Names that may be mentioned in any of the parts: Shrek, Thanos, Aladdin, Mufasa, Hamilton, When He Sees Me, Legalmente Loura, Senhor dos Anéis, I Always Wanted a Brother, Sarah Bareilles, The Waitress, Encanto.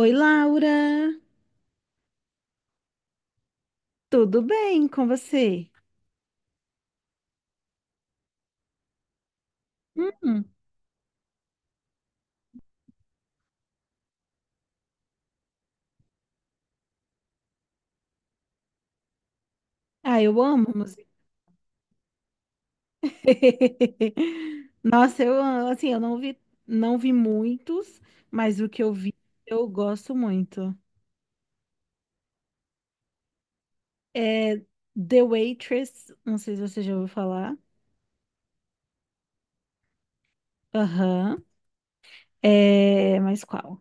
Oi, Laura, tudo bem com você? Hum, ah, eu amo música. Nossa, eu amo, assim, eu não vi, não vi muitos, mas o que eu vi, eu gosto muito. É The Waitress, não sei se você já ouviu falar. Aham. É, mas qual?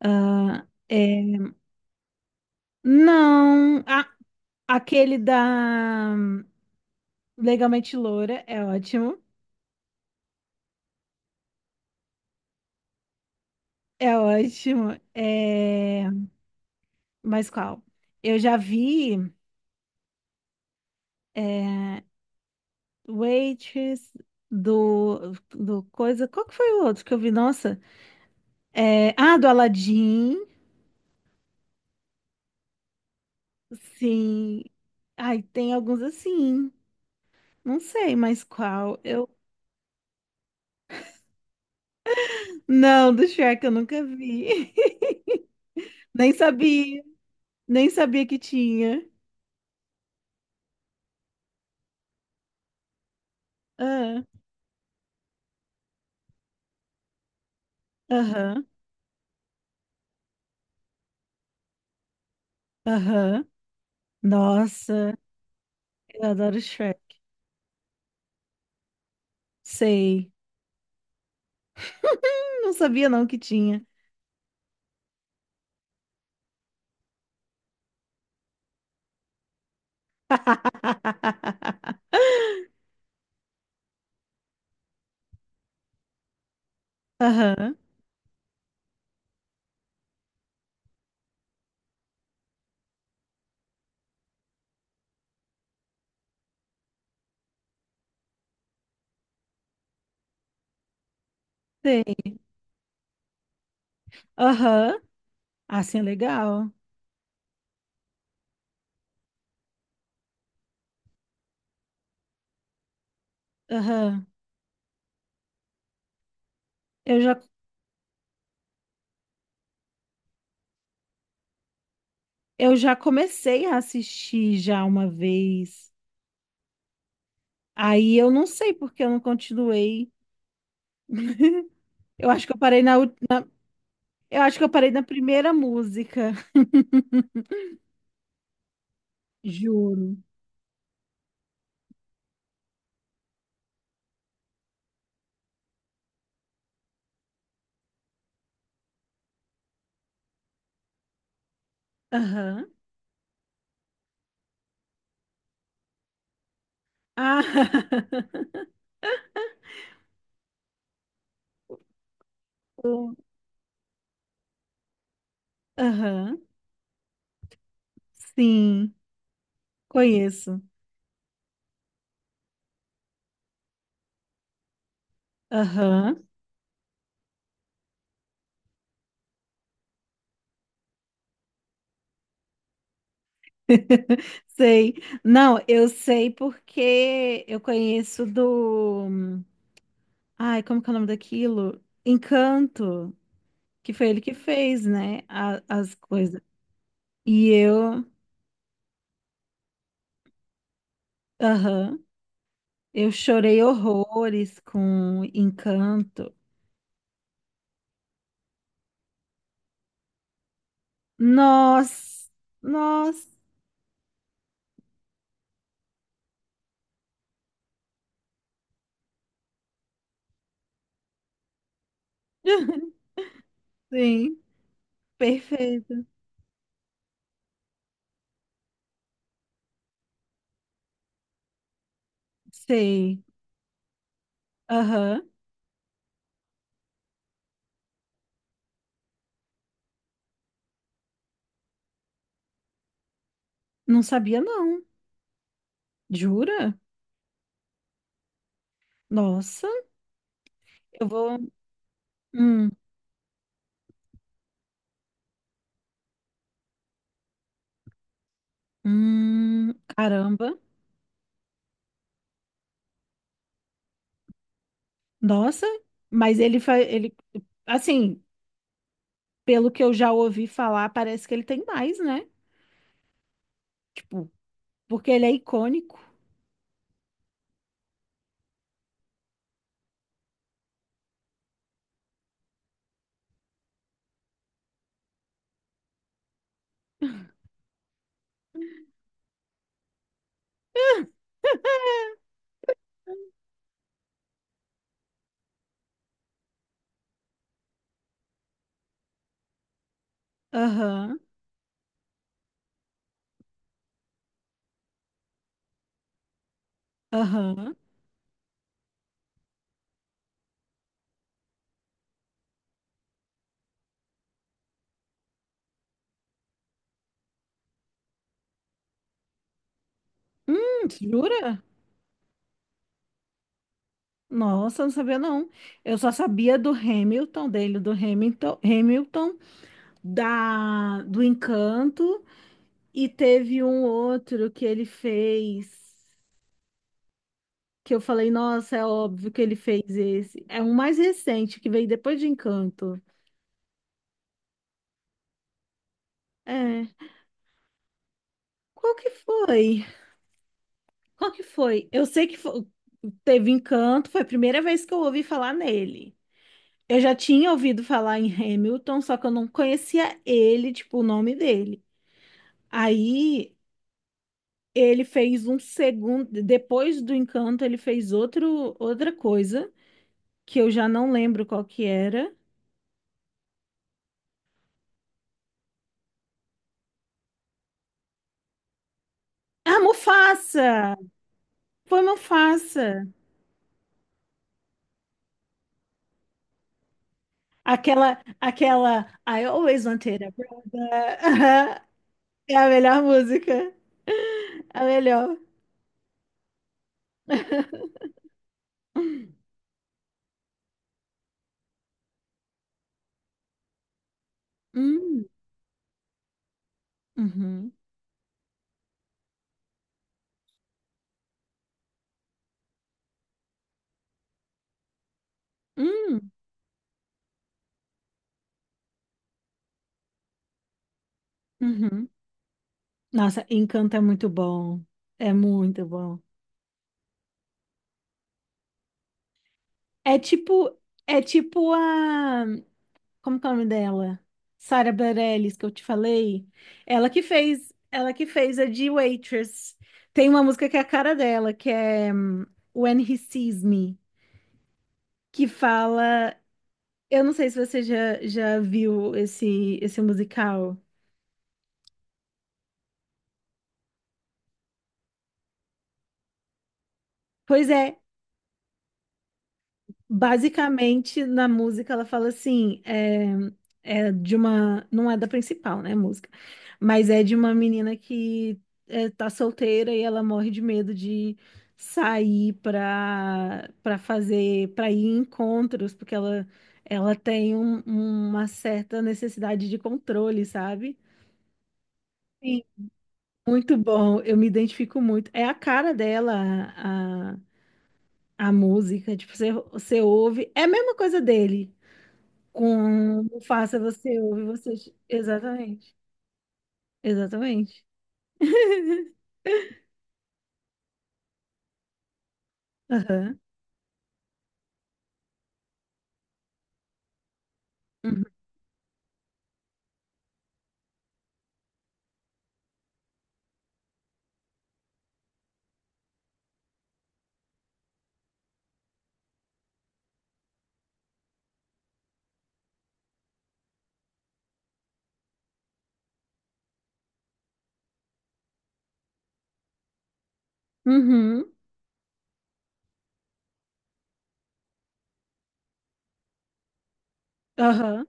Ah, é, não, ah, aquele da Legalmente Loura é ótimo. É ótimo. É... Mas qual? Eu já vi é, Waitress do coisa. Qual que foi o outro que eu vi? Nossa. É, ah, do Aladdin. Sim. Ai, tem alguns assim. Não sei mais qual. Eu não, do Shrek eu nunca vi. Nem sabia. Nem sabia que tinha. Ah, aham. Aham. Nossa, eu adoro Shrek. Sei. Não sabia não que tinha. Aham, sei. Aham, assim é legal. Aham. Eu já, eu já comecei a assistir já uma vez. Aí eu não sei porque eu não continuei. Eu acho que eu parei na, eu acho que eu parei na primeira música. Juro. Aham. Ah, o- aham. Sim, conheço. Aham. Sei. Não, eu sei porque eu conheço do. Ai, como que é o nome daquilo? Encanto, que foi ele que fez, né? As coisas. E eu. Aham. Eu chorei horrores com Encanto. Nossa! Nossa! Sim, perfeito. Sei. Aham. Não sabia, não. Jura? Nossa, eu vou. Hum, caramba. Nossa, mas ele faz, ele, assim, pelo que eu já ouvi falar, parece que ele tem mais, né? Tipo, porque ele é icônico. Aham, aham. Jura? Nossa, não sabia não. Eu só sabia do Hamilton dele, do Hamilton, Hamilton, da do Encanto e teve um outro que ele fez que eu falei, nossa, é óbvio que ele fez esse. É um mais recente que veio depois de Encanto. É. Qual que foi? Qual que foi? Eu sei que fo- teve Encanto, foi a primeira vez que eu ouvi falar nele. Eu já tinha ouvido falar em Hamilton, só que eu não conhecia ele, tipo, o nome dele. Aí ele fez um segundo, depois do Encanto, ele fez outro, outra coisa que eu já não lembro qual que era. Ah, Mufasa! Foi Mufasa. Aquela, aquela I Always Wanted a Brother. É a melhor música. A melhor. Hum, uhum, hum, uhum. Nossa, Encanto é muito bom. É muito bom. É tipo, é tipo a, como que é o nome dela? Sarah Bareilles, que eu te falei. Ela que fez a de Waitress. Tem uma música que é a cara dela, que é When He Sees Me, que fala, eu não sei se você já, já viu esse musical. Pois é, basicamente, na música, ela fala assim: é, é de uma. Não é da principal, né? Música. Mas é de uma menina que é, tá solteira e ela morre de medo de sair pra, pra fazer. Pra ir em encontros, porque ela tem uma certa necessidade de controle, sabe? Sim. Muito bom, eu me identifico muito. É a cara dela, a, a, a música. Tipo, você, você ouve. É a mesma coisa dele. Como faça você ouve você. Exatamente. Exatamente. Aham. Uhum. Uhum. Aham.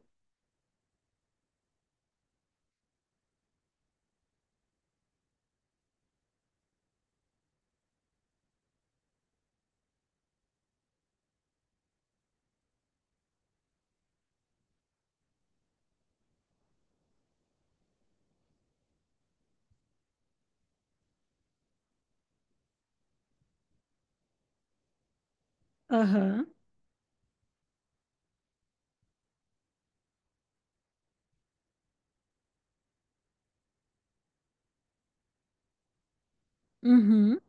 Aham. Uhum.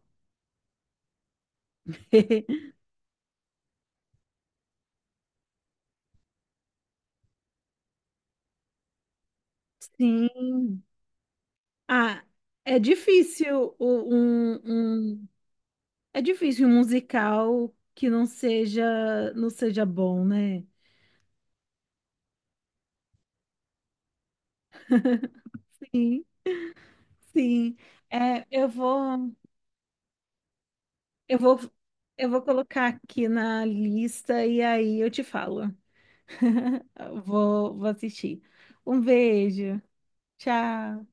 Sim. Ah, é difícil é difícil um musical que não seja não seja bom, né? Sim, sim. É, eu vou eu vou colocar aqui na lista e aí eu te falo. Vou assistir. Um beijo. Tchau.